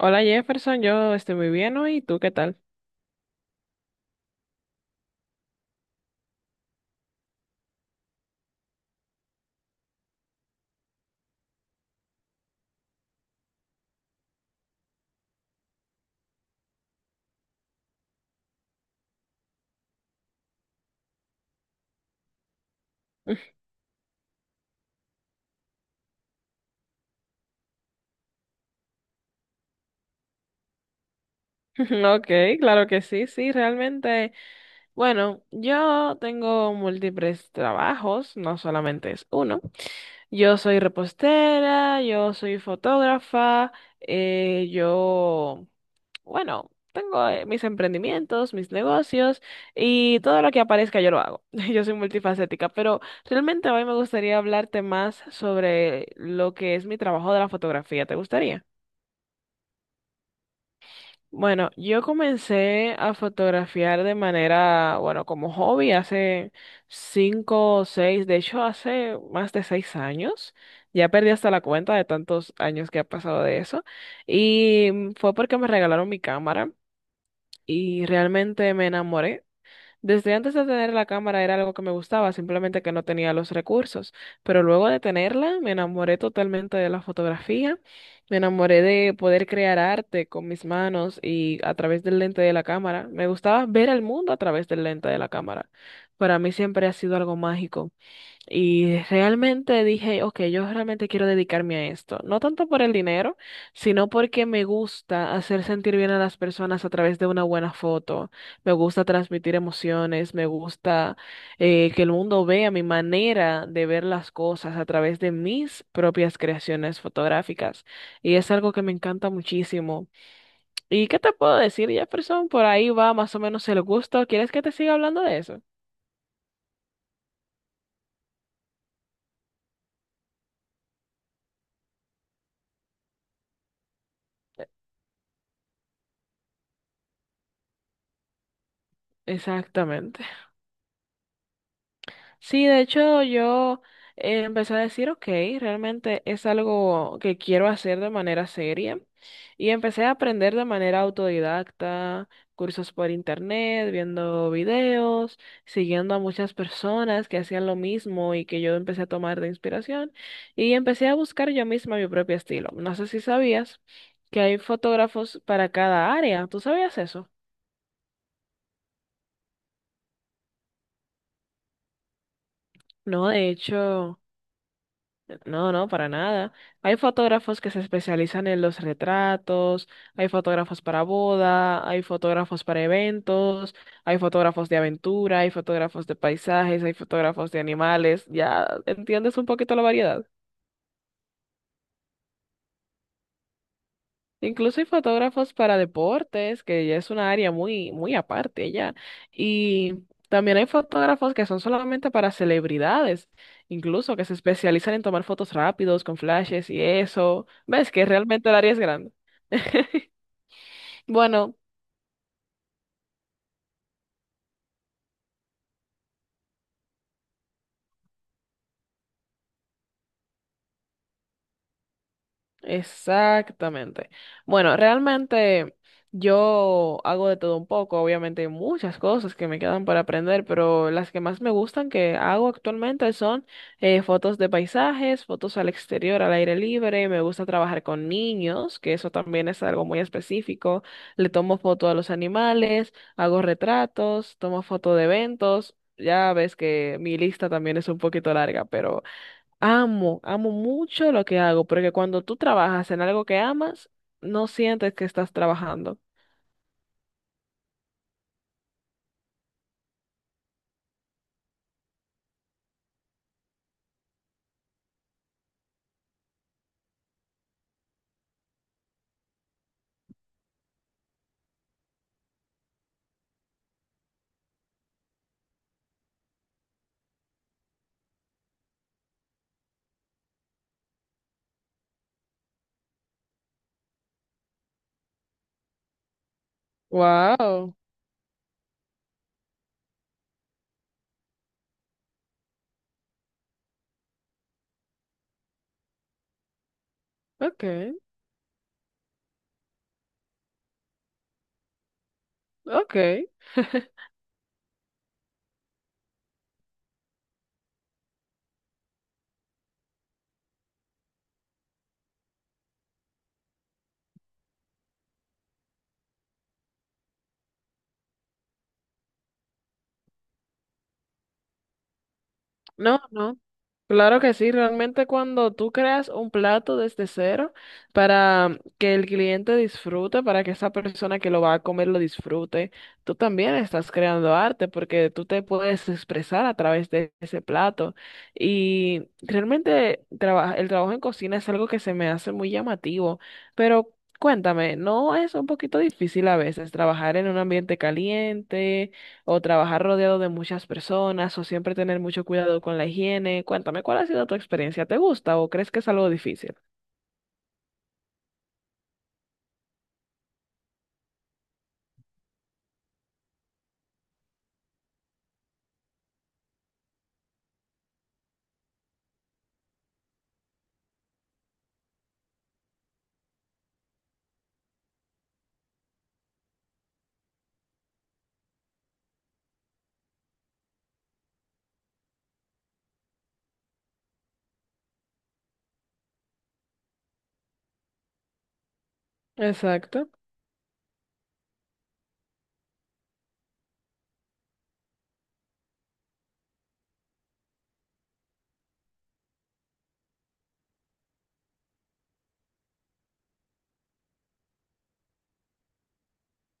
Hola Jefferson, yo estoy muy bien hoy, ¿y tú qué tal? Ok, claro que sí, sí, realmente. Bueno, yo tengo múltiples trabajos, no solamente es uno. Yo soy repostera, yo soy fotógrafa, yo, bueno, tengo mis emprendimientos, mis negocios y todo lo que aparezca yo lo hago. Yo soy multifacética, pero realmente hoy me gustaría hablarte más sobre lo que es mi trabajo de la fotografía. ¿Te gustaría? Bueno, yo comencé a fotografiar de manera, bueno, como hobby hace 5 o 6, de hecho hace más de 6 años. Ya perdí hasta la cuenta de tantos años que ha pasado de eso. Y fue porque me regalaron mi cámara y realmente me enamoré desde antes de tener la cámara era algo que me gustaba, simplemente que no tenía los recursos. Pero luego de tenerla, me enamoré totalmente de la fotografía, me enamoré de poder crear arte con mis manos y a través del lente de la cámara. Me gustaba ver el mundo a través del lente de la cámara. Para mí siempre ha sido algo mágico. Y realmente dije, ok, yo realmente quiero dedicarme a esto. No tanto por el dinero, sino porque me gusta hacer sentir bien a las personas a través de una buena foto. Me gusta transmitir emociones, me gusta que el mundo vea mi manera de ver las cosas a través de mis propias creaciones fotográficas. Y es algo que me encanta muchísimo. ¿Y qué te puedo decir, Jefferson? Por ahí va más o menos el gusto. ¿Quieres que te siga hablando de eso? Exactamente. Sí, de hecho yo empecé a decir, ok, realmente es algo que quiero hacer de manera seria y empecé a aprender de manera autodidacta, cursos por internet, viendo videos, siguiendo a muchas personas que hacían lo mismo y que yo empecé a tomar de inspiración y empecé a buscar yo misma mi propio estilo. No sé si sabías que hay fotógrafos para cada área, ¿tú sabías eso? No, de hecho... No, no, para nada. Hay fotógrafos que se especializan en los retratos, hay fotógrafos para boda, hay fotógrafos para eventos, hay fotógrafos de aventura, hay fotógrafos de paisajes, hay fotógrafos de animales. Ya entiendes un poquito la variedad. Incluso hay fotógrafos para deportes, que ya es una área muy, muy aparte ya. Y también hay fotógrafos que son solamente para celebridades, incluso que se especializan en tomar fotos rápidos con flashes y eso. ¿Ves que realmente el área es grande? Bueno, exactamente. Bueno, realmente yo hago de todo un poco, obviamente hay muchas cosas que me quedan para aprender, pero las que más me gustan que hago actualmente son fotos de paisajes, fotos al exterior, al aire libre, me gusta trabajar con niños, que eso también es algo muy específico, le tomo foto a los animales, hago retratos, tomo foto de eventos, ya ves que mi lista también es un poquito larga, pero... Amo, amo mucho lo que hago, porque cuando tú trabajas en algo que amas, no sientes que estás trabajando. Wow, okay, okay. No, no. Claro que sí, realmente cuando tú creas un plato desde cero para que el cliente disfrute, para que esa persona que lo va a comer lo disfrute, tú también estás creando arte porque tú te puedes expresar a través de ese plato. Y realmente el trabajo en cocina es algo que se me hace muy llamativo, pero cuéntame, ¿no es un poquito difícil a veces trabajar en un ambiente caliente? ¿O trabajar rodeado de muchas personas o siempre tener mucho cuidado con la higiene? Cuéntame, ¿cuál ha sido tu experiencia? ¿Te gusta o crees que es algo difícil? Exacto.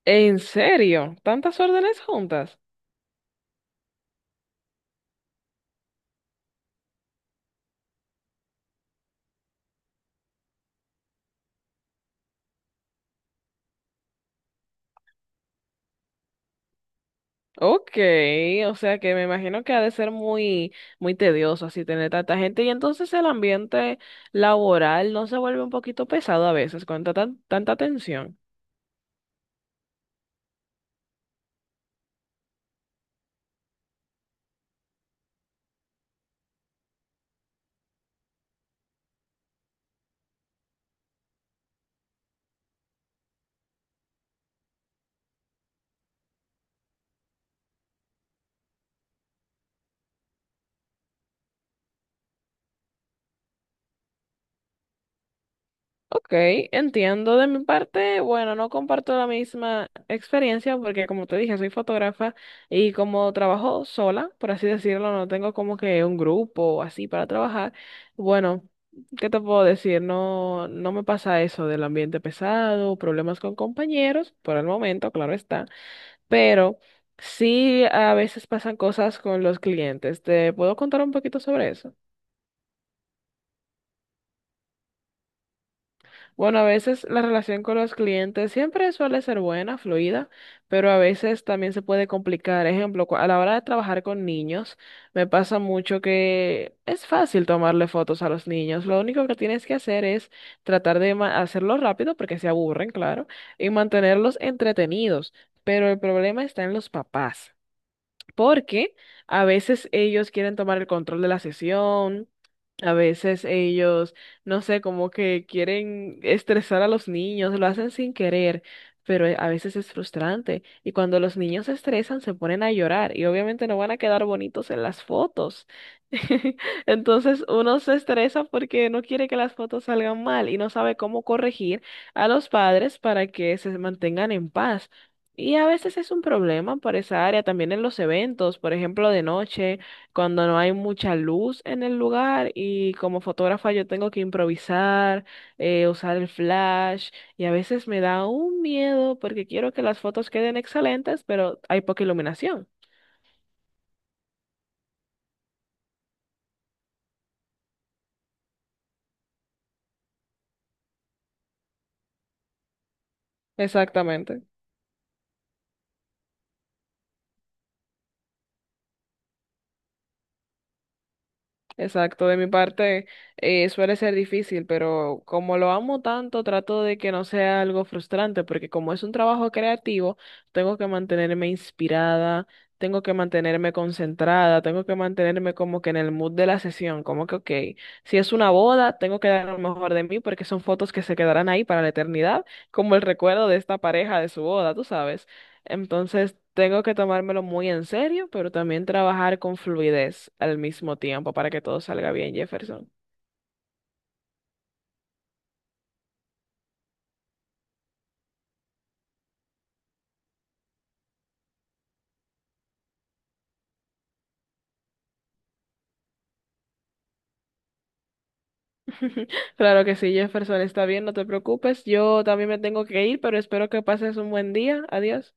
¿En serio? ¿Tantas órdenes juntas? Ok, o sea que me imagino que ha de ser muy, muy tedioso así tener tanta gente y entonces el ambiente laboral no se vuelve un poquito pesado a veces con tanta, tanta tensión. Ok, entiendo de mi parte. Bueno, no comparto la misma experiencia porque como te dije, soy fotógrafa y como trabajo sola, por así decirlo, no tengo como que un grupo o así para trabajar. Bueno, ¿qué te puedo decir? No, no me pasa eso del ambiente pesado, problemas con compañeros, por el momento, claro está, pero sí a veces pasan cosas con los clientes. ¿Te puedo contar un poquito sobre eso? Bueno, a veces la relación con los clientes siempre suele ser buena, fluida, pero a veces también se puede complicar. Ejemplo, a la hora de trabajar con niños, me pasa mucho que es fácil tomarle fotos a los niños. Lo único que tienes que hacer es tratar de hacerlo rápido porque se aburren, claro, y mantenerlos entretenidos. Pero el problema está en los papás porque a veces ellos quieren tomar el control de la sesión, a veces ellos, no sé, como que quieren estresar a los niños, lo hacen sin querer, pero a veces es frustrante. Y cuando los niños se estresan, se ponen a llorar y obviamente no van a quedar bonitos en las fotos. Entonces uno se estresa porque no quiere que las fotos salgan mal y no sabe cómo corregir a los padres para que se mantengan en paz. Y a veces es un problema para esa área, también en los eventos, por ejemplo, de noche, cuando no hay mucha luz en el lugar y como fotógrafa yo tengo que improvisar, usar el flash y a veces me da un miedo porque quiero que las fotos queden excelentes, pero hay poca iluminación. Exactamente. Exacto, de mi parte suele ser difícil, pero como lo amo tanto, trato de que no sea algo frustrante, porque como es un trabajo creativo, tengo que mantenerme inspirada, tengo que mantenerme concentrada, tengo que mantenerme como que en el mood de la sesión, como que, ok, si es una boda, tengo que dar lo mejor de mí porque son fotos que se quedarán ahí para la eternidad, como el recuerdo de esta pareja de su boda, tú sabes. Entonces, tengo que tomármelo muy en serio, pero también trabajar con fluidez al mismo tiempo para que todo salga bien, Jefferson. Claro que sí, Jefferson, está bien, no te preocupes. Yo también me tengo que ir, pero espero que pases un buen día. Adiós.